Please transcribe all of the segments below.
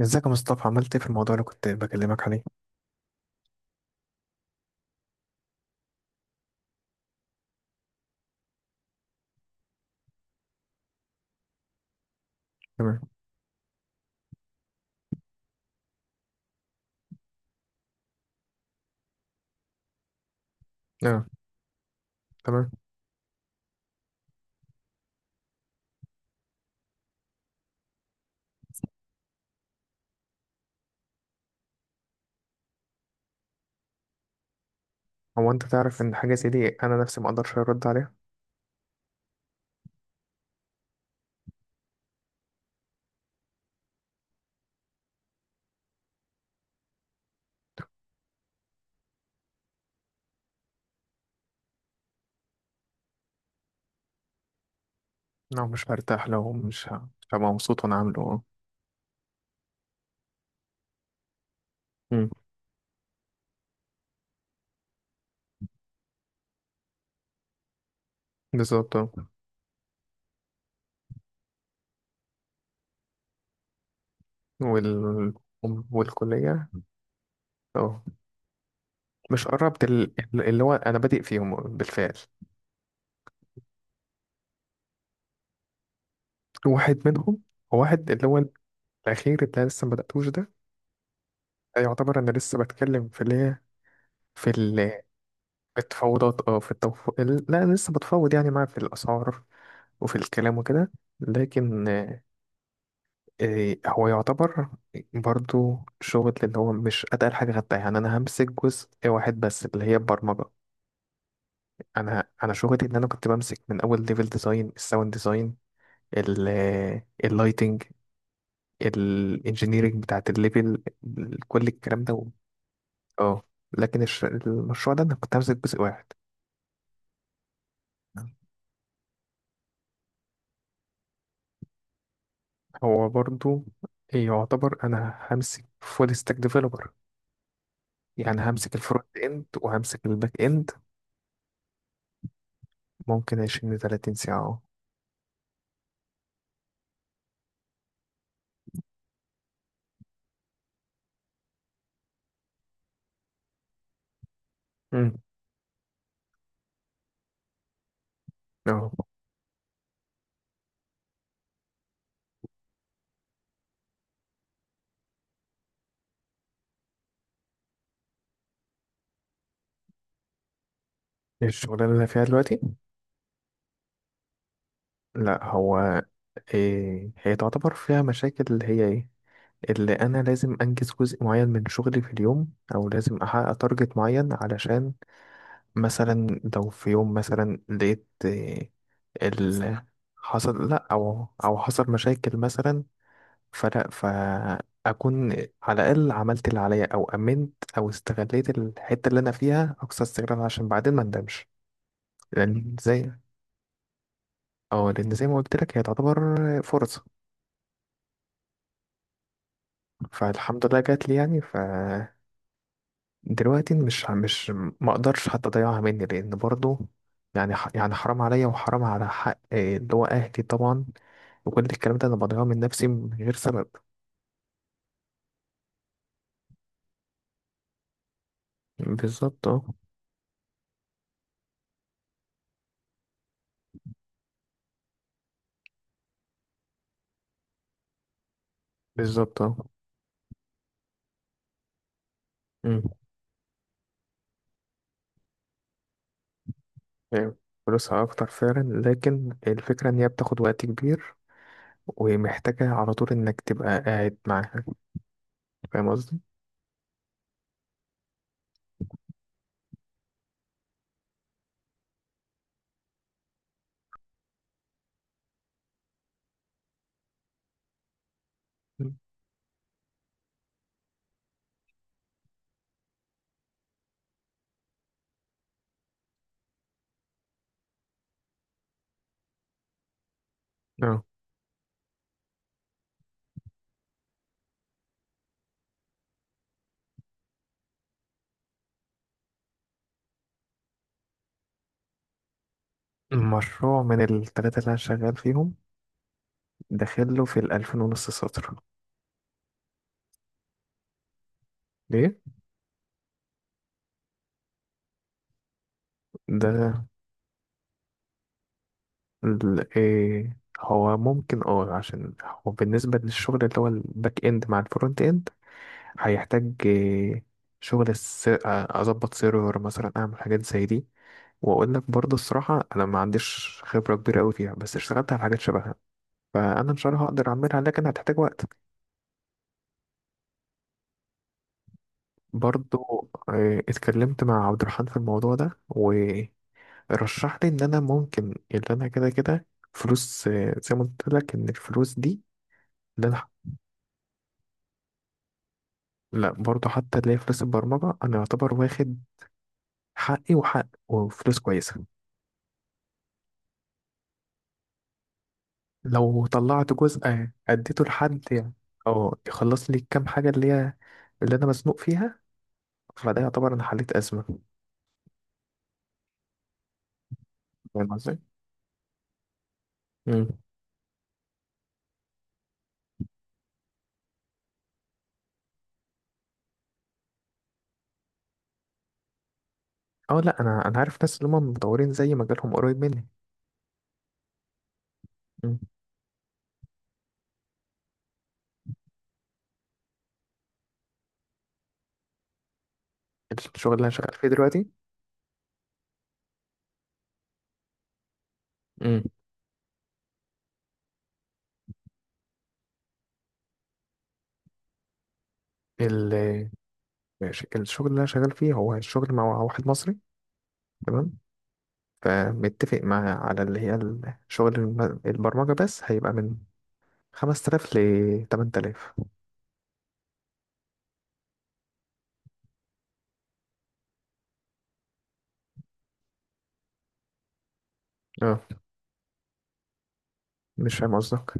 ازيك يا مصطفى، عملت ايه في الموضوع اللي كنت بكلمك عليه؟ تمام. اه. تمام. هو انت تعرف ان حاجه زي دي انا نفسي ما اقدرش ارد عليها. لا مش هرتاح، لو مش هبقى مبسوط وانا عامله. اه. أمم، بالظبط اه. وال والكليه. اه. مش قربت اللي هو انا بادئ فيهم بالفعل. واحد منهم، هو واحد اللي هو الاخير اللي أنا لسه ما بداتوش ده، يعتبر انا لسه بتكلم في اللي هي، في ال- التفاوضات. لا انا لسه بتفاوض يعني معاه في الاسعار وفي الكلام وكده. لكن هو يعتبر برضو شغل اللي هو مش اتقل حاجه خدتها، يعني انا همسك جزء واحد بس اللي هي البرمجه. انا شغلي ان انا كنت بمسك من اول ليفل ديزاين، الساوند ديزاين، اللايتنج، الانجينيرنج بتاعت الليفل، كل الكلام ده اه لكن المشروع ده انا كنت همسك جزء واحد. هو برضو يعتبر انا همسك فول ستاك ديفلوبر، يعني همسك الفرونت اند وهمسك الباك اند. ممكن 20 ل 30 ساعة. اه. امم اه. الشغلانة اللي أنا فيها دلوقتي، لا هو إيه هي تعتبر فيها مشاكل اللي هي ايه. اللي انا لازم انجز جزء معين من شغلي في اليوم، او لازم احقق تارجت معين علشان مثلا لو في يوم مثلا لقيت إيه، ال حصل، لا او حصل مشاكل مثلا، فلا فاكون على الاقل عملت اللي عليا، او امنت، او استغليت الحتة اللي انا فيها اقصى استغلال عشان بعدين ما ندمش. لأن زي اه لأن زي ما قلت لك هي تعتبر فرصة. فالحمد لله جات لي يعني. دلوقتي مش مش ما اقدرش حتى اضيعها مني، لان برضو يعني حرام عليا، وحرام على حق اللي هو اهلي طبعا، وكل الكلام ده انا بضيعه من نفسي من غير سبب. بالظبط اه. بالظبط اه. أمم، أيوة. فلوسها اكتر فعلا، لكن الفكرة ان هي بتاخد وقت كبير ومحتاجة على طول انك تبقى قاعد معاها. فاهم قصدي؟ أمم. اه. المشروع من التلاتة اللي أنا شغال فيهم داخله في 2500 سطر. ليه؟ ده إيه هو ممكن. اه عشان هو بالنسبة للشغل اللي هو الباك اند مع الفرونت اند هيحتاج إيه شغل أظبط سيرفر مثلا، أعمل حاجات زي دي. وأقول لك برضه الصراحة أنا ما عنديش خبرة كبيرة أوي فيها، بس اشتغلت على حاجات شبهها، فأنا إن شاء الله هقدر أعملها لكن هتحتاج وقت. برضه اتكلمت مع عبد الرحمن في الموضوع ده. رشح لي ان انا ممكن اللي انا كده كده فلوس. زي ما قلت لك ان الفلوس دي اللي انا لا برضه حتى اللي هي فلوس البرمجة، انا يعتبر واخد حقي، وحق، وفلوس كويسة. لو طلعت جزء، اديته لحد يعني او يخلص لي الكام حاجة اللي هي اللي انا مزنوق فيها، فده يعتبر انا حليت ازمة. فاهم قصدي؟ مم. اه. لا انا عارف ناس اللي هم مطورين، زي مجالهم قريب مني. مم. الشغل اللي انا شغال فيه دلوقتي. مم. ماشي، الشغل اللي انا شغال فيه هو الشغل مع واحد مصري. تمام. فمتفق معاه على اللي هي الشغل البرمجة بس، هيبقى من 5000 ل 8000. اه مش فاهم قصدك.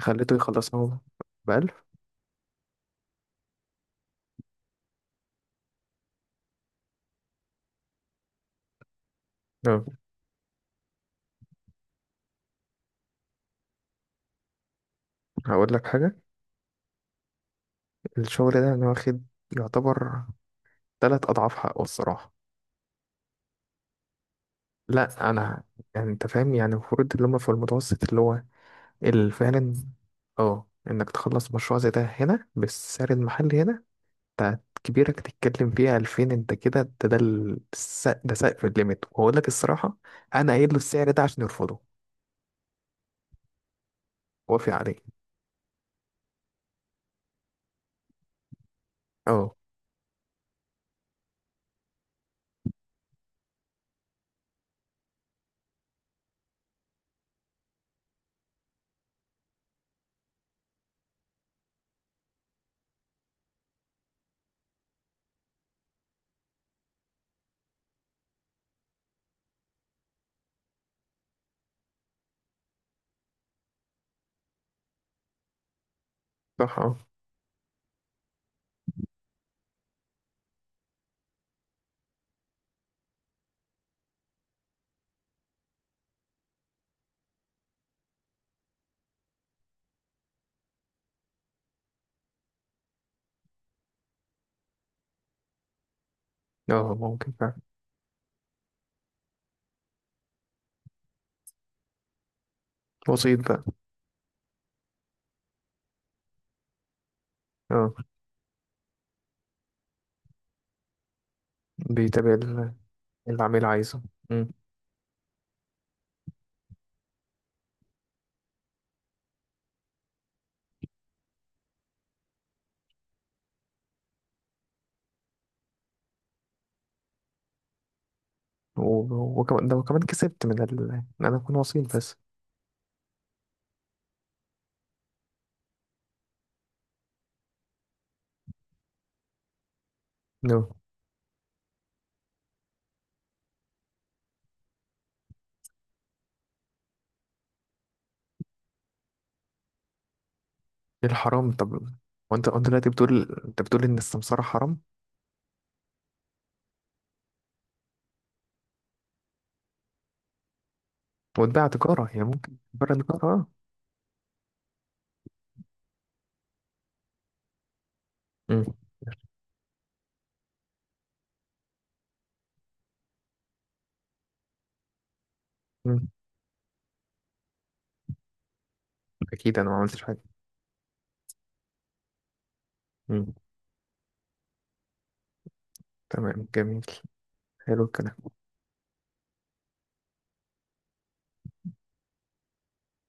خليته يخلصها ب 1000. اه هقول لك حاجة، الشغل ده انا واخد يعتبر 3 أضعاف حقه الصراحة. لا أنا يعني أنت فاهم، يعني المفروض اللي هما في المتوسط اللي هو اللي فعلا. اه إنك تخلص مشروع زي ده هنا بالسعر المحلي هنا بتاعت كبيرك تتكلم فيها 2000. انت كده ده سقف الليميت. وهقول لك الصراحة انا قايل له السعر ده عشان يرفضه. وافق عليه. اه. صح اه. اه ممكن فعلا. وسيط بقى. اه. بيتابع اللي العميل عايزه. مم. وكمان ده، وكمان كسبت من ان انا اكون وسيط بس. نو الحرام طب. وانت دلوقتي بتقول ان السمسارة حرام. وتباع تجارة، هي ممكن تباع تجارة اه. مم. مم. اكيد انا ما عملتش حاجة. مم. تمام جميل، حلو الكلام.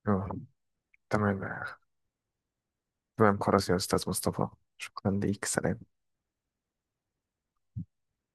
آه، تمام. تمام خلاص يا أستاذ مصطفى، شكرا ليك، سلام.